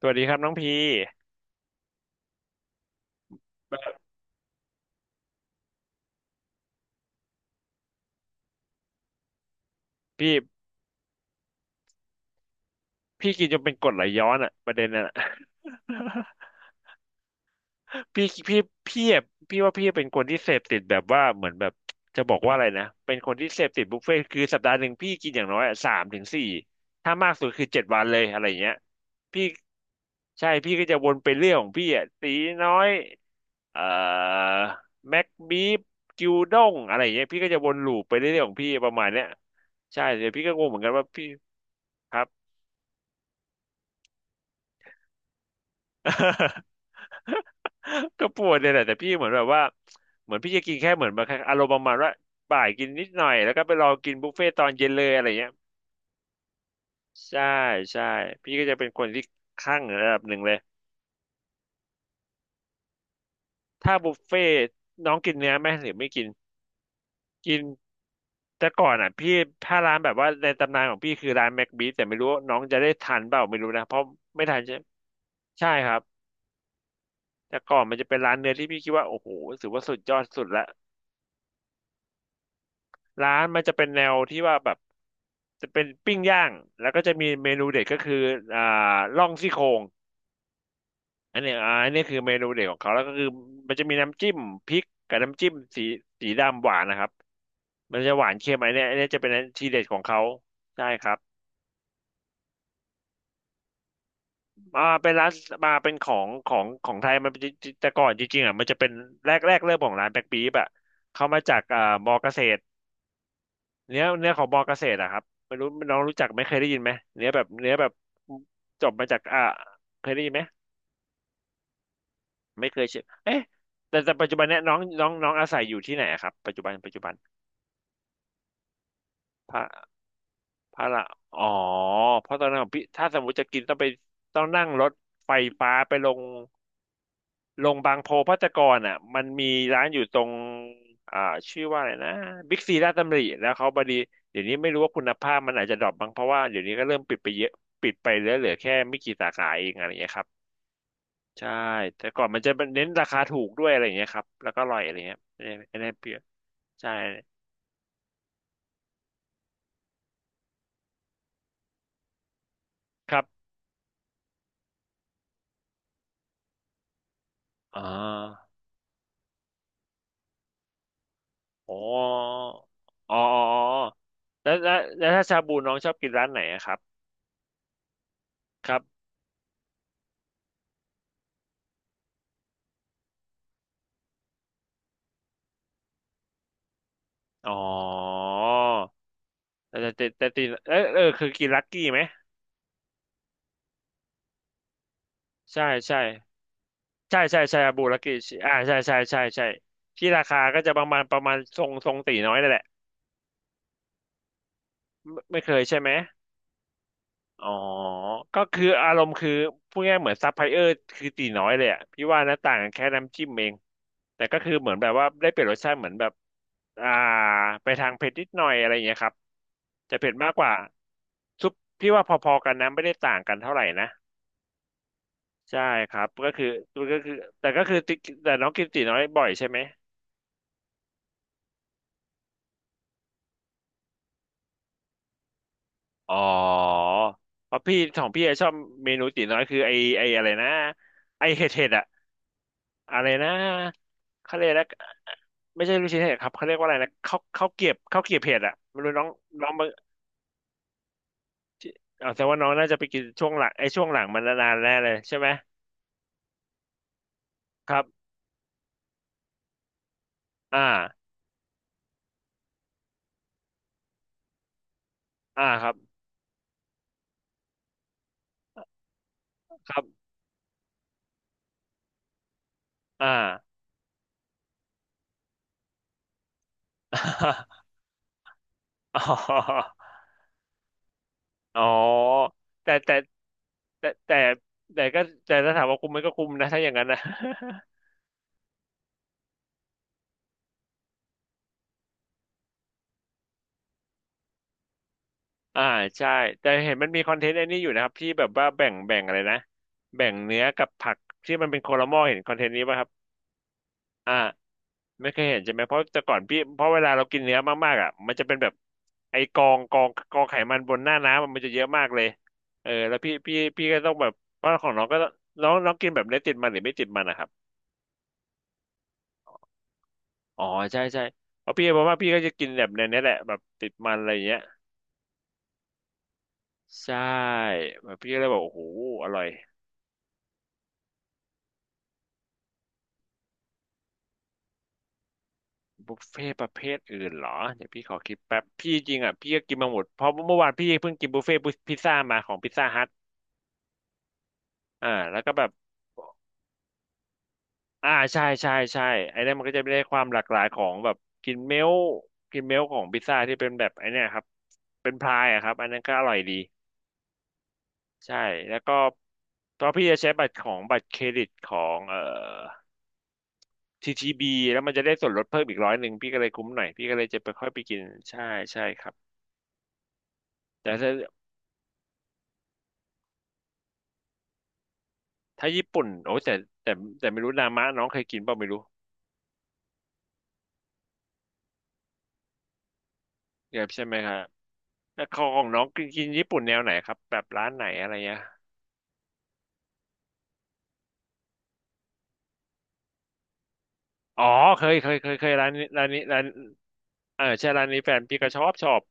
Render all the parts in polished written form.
สวัสดีครับน้องพีพี่พี่กินจนเป็นกรดไหลย้อนอะประเด็นน่ะ พี่พี่พี่อะพี่ว่าพี่เป็นคนที่เสพติดแบบว่าเหมือนแบบจะบอกว่าอะไรนะเป็นคนที่เสพติดบุฟเฟ่ต์คือสัปดาห์หนึ่งพี่กินอย่างน้อยอะสามถึงสี่ถ้ามากสุดคือ7 วันเลยอะไรอย่างเงี้ยพี่ใช่พี่ก็จะวนไปเรื่องของพี่อ่ะตีน้อยเอ่อแม็กบีฟกิวด้งอะไรอย่างเงี้ยพี่ก็จะวนลูปไปเรื่อยๆของพี่ประมาณเนี้ยใช่เดี๋ยวพี่ก็งงเหมือนกันว่าพี่ครับ ก็ปวดเนี่ยแหละแต่พี่เหมือนแบบว่าเหมือนพี่จะกินแค่เหมือนแบบอารมณ์ประมาณว่าบ่ายกินนิดหน่อยแล้วก็ไปรอกินบุฟเฟ่ตอนเย็นเลยอะไรเงี้ยใช่ใช่พี่ก็จะเป็นคนที่คลั่งระดับหนึ่งเลยถ้าบุฟเฟ่น้องกินเนื้อไหมหรือไม่กินกินแต่ก่อนอ่ะพี่ถ้าร้านแบบว่าในตำนานของพี่คือร้านแม็กบีแต่ไม่รู้ว่าน้องจะได้ทันเปล่าไม่รู้นะเพราะไม่ทันใช่ใช่ครับแต่ก่อนมันจะเป็นร้านเนื้อที่พี่คิดว่าโอ้โหถือว่าสุดยอดสุดละ ร้านมันจะเป็นแนวที่ว่าแบบจะเป็นปิ้งย่างแล้วก็จะมีเมนูเด็ดก็คืออ่าล่องซี่โครงอันเนี้ยอันนี้คือเมนูเด็ดของเขาแล้วก็คือมันจะมีน้ำจิ้มพริกกับน้ำจิ้มสีสีดำหวานนะครับมันจะหวานเค็มอันเนี้ยอันเนี้ยจะเป็นทีเด็ดของเขาใช่ครับเป็นร้านมาเป็นของไทยมันจะแต่ก่อนจริงๆอ่ะมันจะเป็นแรกเริ่มของร้านแบ็คปี๊บอ่ะเขามาจากมอเกษตร เนื้อเนื้อของมอเกษตรอะครับไม่รู้น้องรู้จักไหม่เคยได้ยินไหมเนื้อแบบเนื้อแบบจบมาจากเคยได้ยินไหมไม่เคยเชื่อเอ๊ะแต่ปัจจุบันเนี้ยน้องน้องน้องอาศัยอยู่ที่ไหนอะครับปัจจุบันพระพระละอ๋อเพราะตอนนั้นของพี่ถ้าสมมติจะกินต้องไปต้องนั่งรถไฟฟ้าไปลง บางโพภัตรกรอ่ะมันมีร้านอยู่ตรงอ่าชื่อว่าอะไรนะบิ๊กซีลาชดตำริแล้วเขาบดีเดี๋ยวนี้ไม่รู้ว่าคุณภาพมันอาจจะดรอปบ้างเพราะว่าเดี๋ยวนี้ก็เริ่มปิดไปเยอะปิดไปเหลือแค่ไม่กี่สาขาเองอะไรอย่างเงี้ยครับใช่แต่ก่อนมันจะเน้นราคาถูกด้วยอะไรอย่างเงี้ยครับแล้วก็อร่อยอะไรเงี้ยไม่ได้เปรี้ยวใช่ครับอ่าอ๋ออ๋ออ๋ออ๋อแล้วถ้าชาบูน้องชอบกินร้านไหนอะครับครับอ๋อ แต่เออเออคือกินลักกี้ไหมใช่ใช่ใช่ใช่ใช่อาบูลักกี้อ่าใช่ใช่ใช่ใช่ที่ราคาก็จะประมาณทรงตีน้อยนั่นแหละไม่เคยใช่ไหมอ๋อก็คืออารมณ์คือพูดง่ายๆเหมือนซัพพลายเออร์คือตีน้อยเลยอ่ะพี่ว่านะต่างกันแค่น้ำจิ้มเองแต่ก็คือเหมือนแบบว่าได้เปลี่ยนรสชาติเหมือนแบบอ่าไปทางเผ็ดนิดหน่อยอะไรอย่างเงี้ยครับจะเผ็ดมากกว่าซุปพี่ว่าพอๆกันนะไม่ได้ต่างกันเท่าไหร่นะ ใช่ครับก็คือแต่ก็คือติ๊กแต่น้องกินตีน้อยบ่อยใช่ไหมอ๋อเพราะพี่ของพี่อะชอบเมนูตีน้อยคือไออะไรนะไอเห็ดเห็ดอะอะไรนะเขาเรียกนะไม่ใช่ลูกชิ้นเห็ดครับเขาเรียกว่าอะไรนะข้าวเกรียบเห็ดอะไม่รู้น้องน้องมาเอาแต่ว่าน้องน่าจะไปกินช่วงหลังไอช่วงหลังมันนานๆแน่เลยใช่ไหมครับอ่าอ่าครับครับอ่า อ๋อ อ๋อแต่แต่แต่แต่แต่ก็แต่ถ้าถามว่าคุ้มไหมก็คุ้มนะถ้าอย่างนั้นนะ อ่าใช่แต่เห็นมันมีคอนเทนต์ไอ้นี่อยู่นะครับที่แบบว่าแบ่งอะไรนะแบ่งเนื้อกับผักที่มันเป็นโคลาหม้อเห็นคอนเทนต์นี้ป่ะครับอ่าไม่เคยเห็นใช่ไหมเพราะแต่ก่อนพี่เพราะเวลาเรากินเนื้อมากๆอ่ะมันจะเป็นแบบไอ้กองไขมันบนหน้าน้ำอะมันจะเยอะมากเลยเออแล้วพี่ก็ต้องแบบเพราะของน้องก็ต้องน้องน้องกินแบบเนื้อติดมันหรือไม่ติดมันนะครับ อ๋อใช่ใช่เพราะพี่บอกว่าพี่ก็จะกินแบบในนี้แหละแบบติดมันอะไรอย่างเงี้ยใช่แบบพี่ก็เลยบอกโอ้โหอร่อยบุฟเฟ่ต์ประเภทอื่นเหรอเดี๋ยวพี่ขอคิดแป๊บพี่จริงอ่ะพี่ก็กินมาหมดเพราะเมื่อวานพี่เพิ่งกินบุฟเฟ่ต์พิซซ่ามาของพิซซ่าฮัทอ่าแล้วก็แบบอ่าใช่ใช่ใช่ไอ้นั่นมันก็จะได้ความหลากหลายของแบบกินเมลต์กินเมลต์ของพิซซ่าที่เป็นแบบไอ้เนี่ยครับเป็นพายอะครับอันนั้นก็อร่อยดีใช่แล้วก็ตอนพี่จะใช้บัตรของบัตรเครดิตของTTBแล้วมันจะได้ส่วนลดเพิ่มอีก100พี่ก็เลยคุ้มหน่อยพี่ก็เลยจะไปค่อยไปกินใช่ใช่ครับแต่ถ้าถ้าญี่ปุ่นโอ้แต่แต่แต่ไม่รู้นามะน้องเคยกินเปล่าไม่รู้เนี่ยใช่ไหมครับแล้วของน้องกินกินญี่ปุ่นแนวไหนครับแบบร้านไหนอะไรเงี้ยอ๋อเคยเคยเคยเคยร้านนี้ร้านนี้ร้านเออใช่ร้านนี้แฟนพี่ก็ชอบชอบ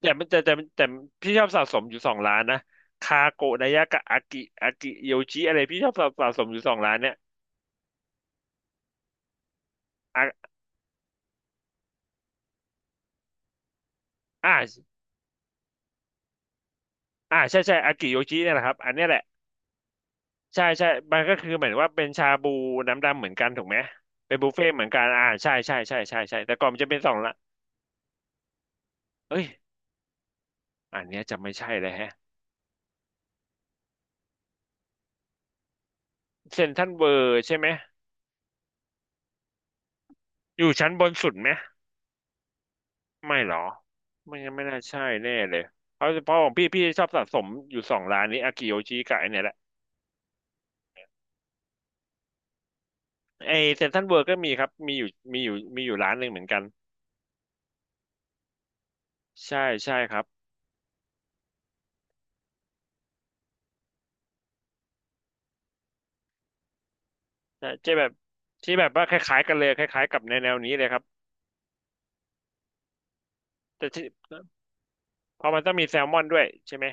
แต่มันแต่แต่แต่พี่ชอบสะสมอยู่สองร้านนะคาโกะดายะกับอากิอากิโยชิอะไรพี่ชอบสะสมอยู่สองร้านเนี่ยอ่ะอ่าอ่าใช่ใช่อากิโยชิเนี่ยแหละครับอันเนี้ยแหละ ใช่ใช่มันก็คือเหมือนว่าเป็นชาบูน้ำดำเหมือนกันถูกไหมเป็นบุฟเฟ่ต์เหมือนกันอ่าใช่ใช่ใช่ใช่ใช่แต่ก่อนมันจะเป็นสองละเอ้ยอันเนี้ยจะไม่ใช่เลยแฮะเซ็นทรัลเวิร์ใช่ไหมอยู่ชั้นบนสุดไหมไม่หรอไม่งั้นไม่น่าใช่แน่เลยเพราะเพราะของพี่พี่ชอบสะสมอยู่สองร้านนี้อากิโยชิกับไอเนี่ยแหละไอเซ็นทรัลเวิร์ก็มีครับมีอยู่มีอยู่มีอยู่ร้านหนึ่งเหมือนกันใช่ใช่ครับใช่จะแบบที่แบบว่าคล้ายๆกันเลยคล้ายๆกับในแนวนี้เลยครับแต่ที่เพราะมันต้องมีแซลมอนด้วยใช่ไหม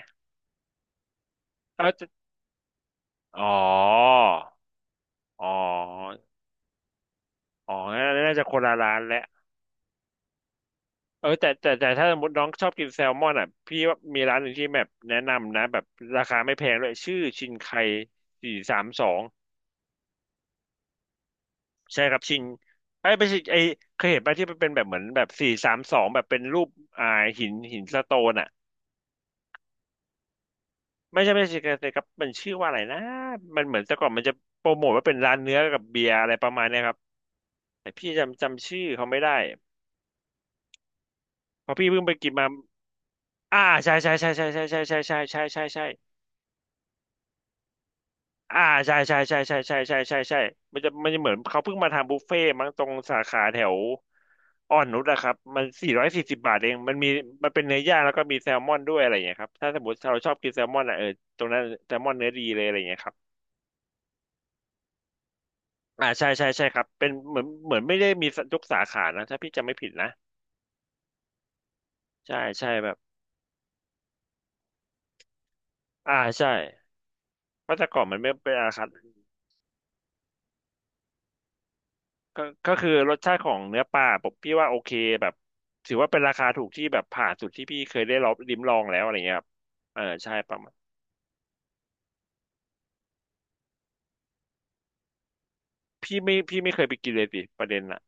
เออจะอ๋ออ๋ออ๋อน่าจะคนละร้านแหละเออแต่แต่แต่ถ้าสมมติน้องชอบกินแซลมอนอ่ะพี่ว่ามีร้านหนึ่งที่แบบแนะนำนะแบบราคาไม่แพงด้วยชื่อชินไคสี่สามสองใช่ครับชินไอ้ยไม่ใช่ไอ้เคยเห็นป่ะที่มันเป็นแบบเหมือนแบบสี่สามสองแบบเป็นรูปอ่าหินหินสโตนอ่ะไม่ใช่ไม่ใช่ครับครับมันชื่อว่าอะไรนะมันเหมือนแต่ก่อนมันจะโปรโมทว่าเป็นร้านเนื้อกับเบียร์อะไรประมาณเนี้ยครับแต่พี่จำจำชื่อเขาไม่ได้เพราะพี่เพิ่งไปกินมา อ่าใช่ใช่ใช่ใช่ใช่ใช่ใช่ใช่ใช่ใช่ใช่ใช่อ่าใช่ใช่ใช่ใช่ใช่ใช่ใช่ใช่มันจะมันจะเหมือนเขาเพิ่งมาทำบุฟเฟ่ต์มั้งตรงสาขาแถวอ่อนนุชอะครับมัน440 บาทเองมันมีมันเป็นเนื้อย่างแล้วก็มีแซลมอนด้วยอะไรอย่างเงี้ยครับถ้าสมมติเราชอบกินแซลมอนอะเออตรงนั้นแซลมอนเนื้อดีเลยอะไรอย่างเงี้ยครับอ่าใช่ใช่ใช่ครับเป็นเหมือนเหมือนไม่ได้มียกสาขานะถ้าพี่จำไม่ผิดนะใช่ใช่แบบอ่าใช่เพราะแต่ก่อนมันไม่เป็นอาคาร ก็ก็คือรสชาติของเนื้อปลาผมพี่ว่าโอเคแบบถือว่าเป็นราคาถูกที่แบบผ่านสุดที่พี่เคยได้ลองลิ้มลองแล้วอะไรเงี้ยครับเออใช่ประมาณพี่ไม่พี่ไม่เคยไปกินเลยสิประเด็นน่ะ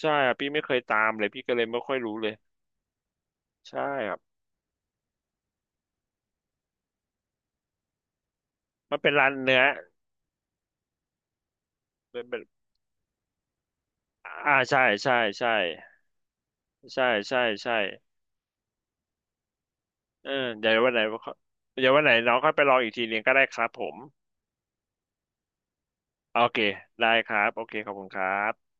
ใช่ครับพี่ไม่เคยตามเลยพี่ก็เลยไม่ค่อยรู้เลยใช่ครับมันเป็นร้านเนื้อเป็นเป็นอ่าใช่ใช่ใช่ใช่ใช่ใช่เออเดี๋ยววันไหนเดี๋ยววันไหนน้องค่อยไปลองอีกทีนึงก็ได้ครับผมโอเคได้ครับโอเคขอบคุณครับ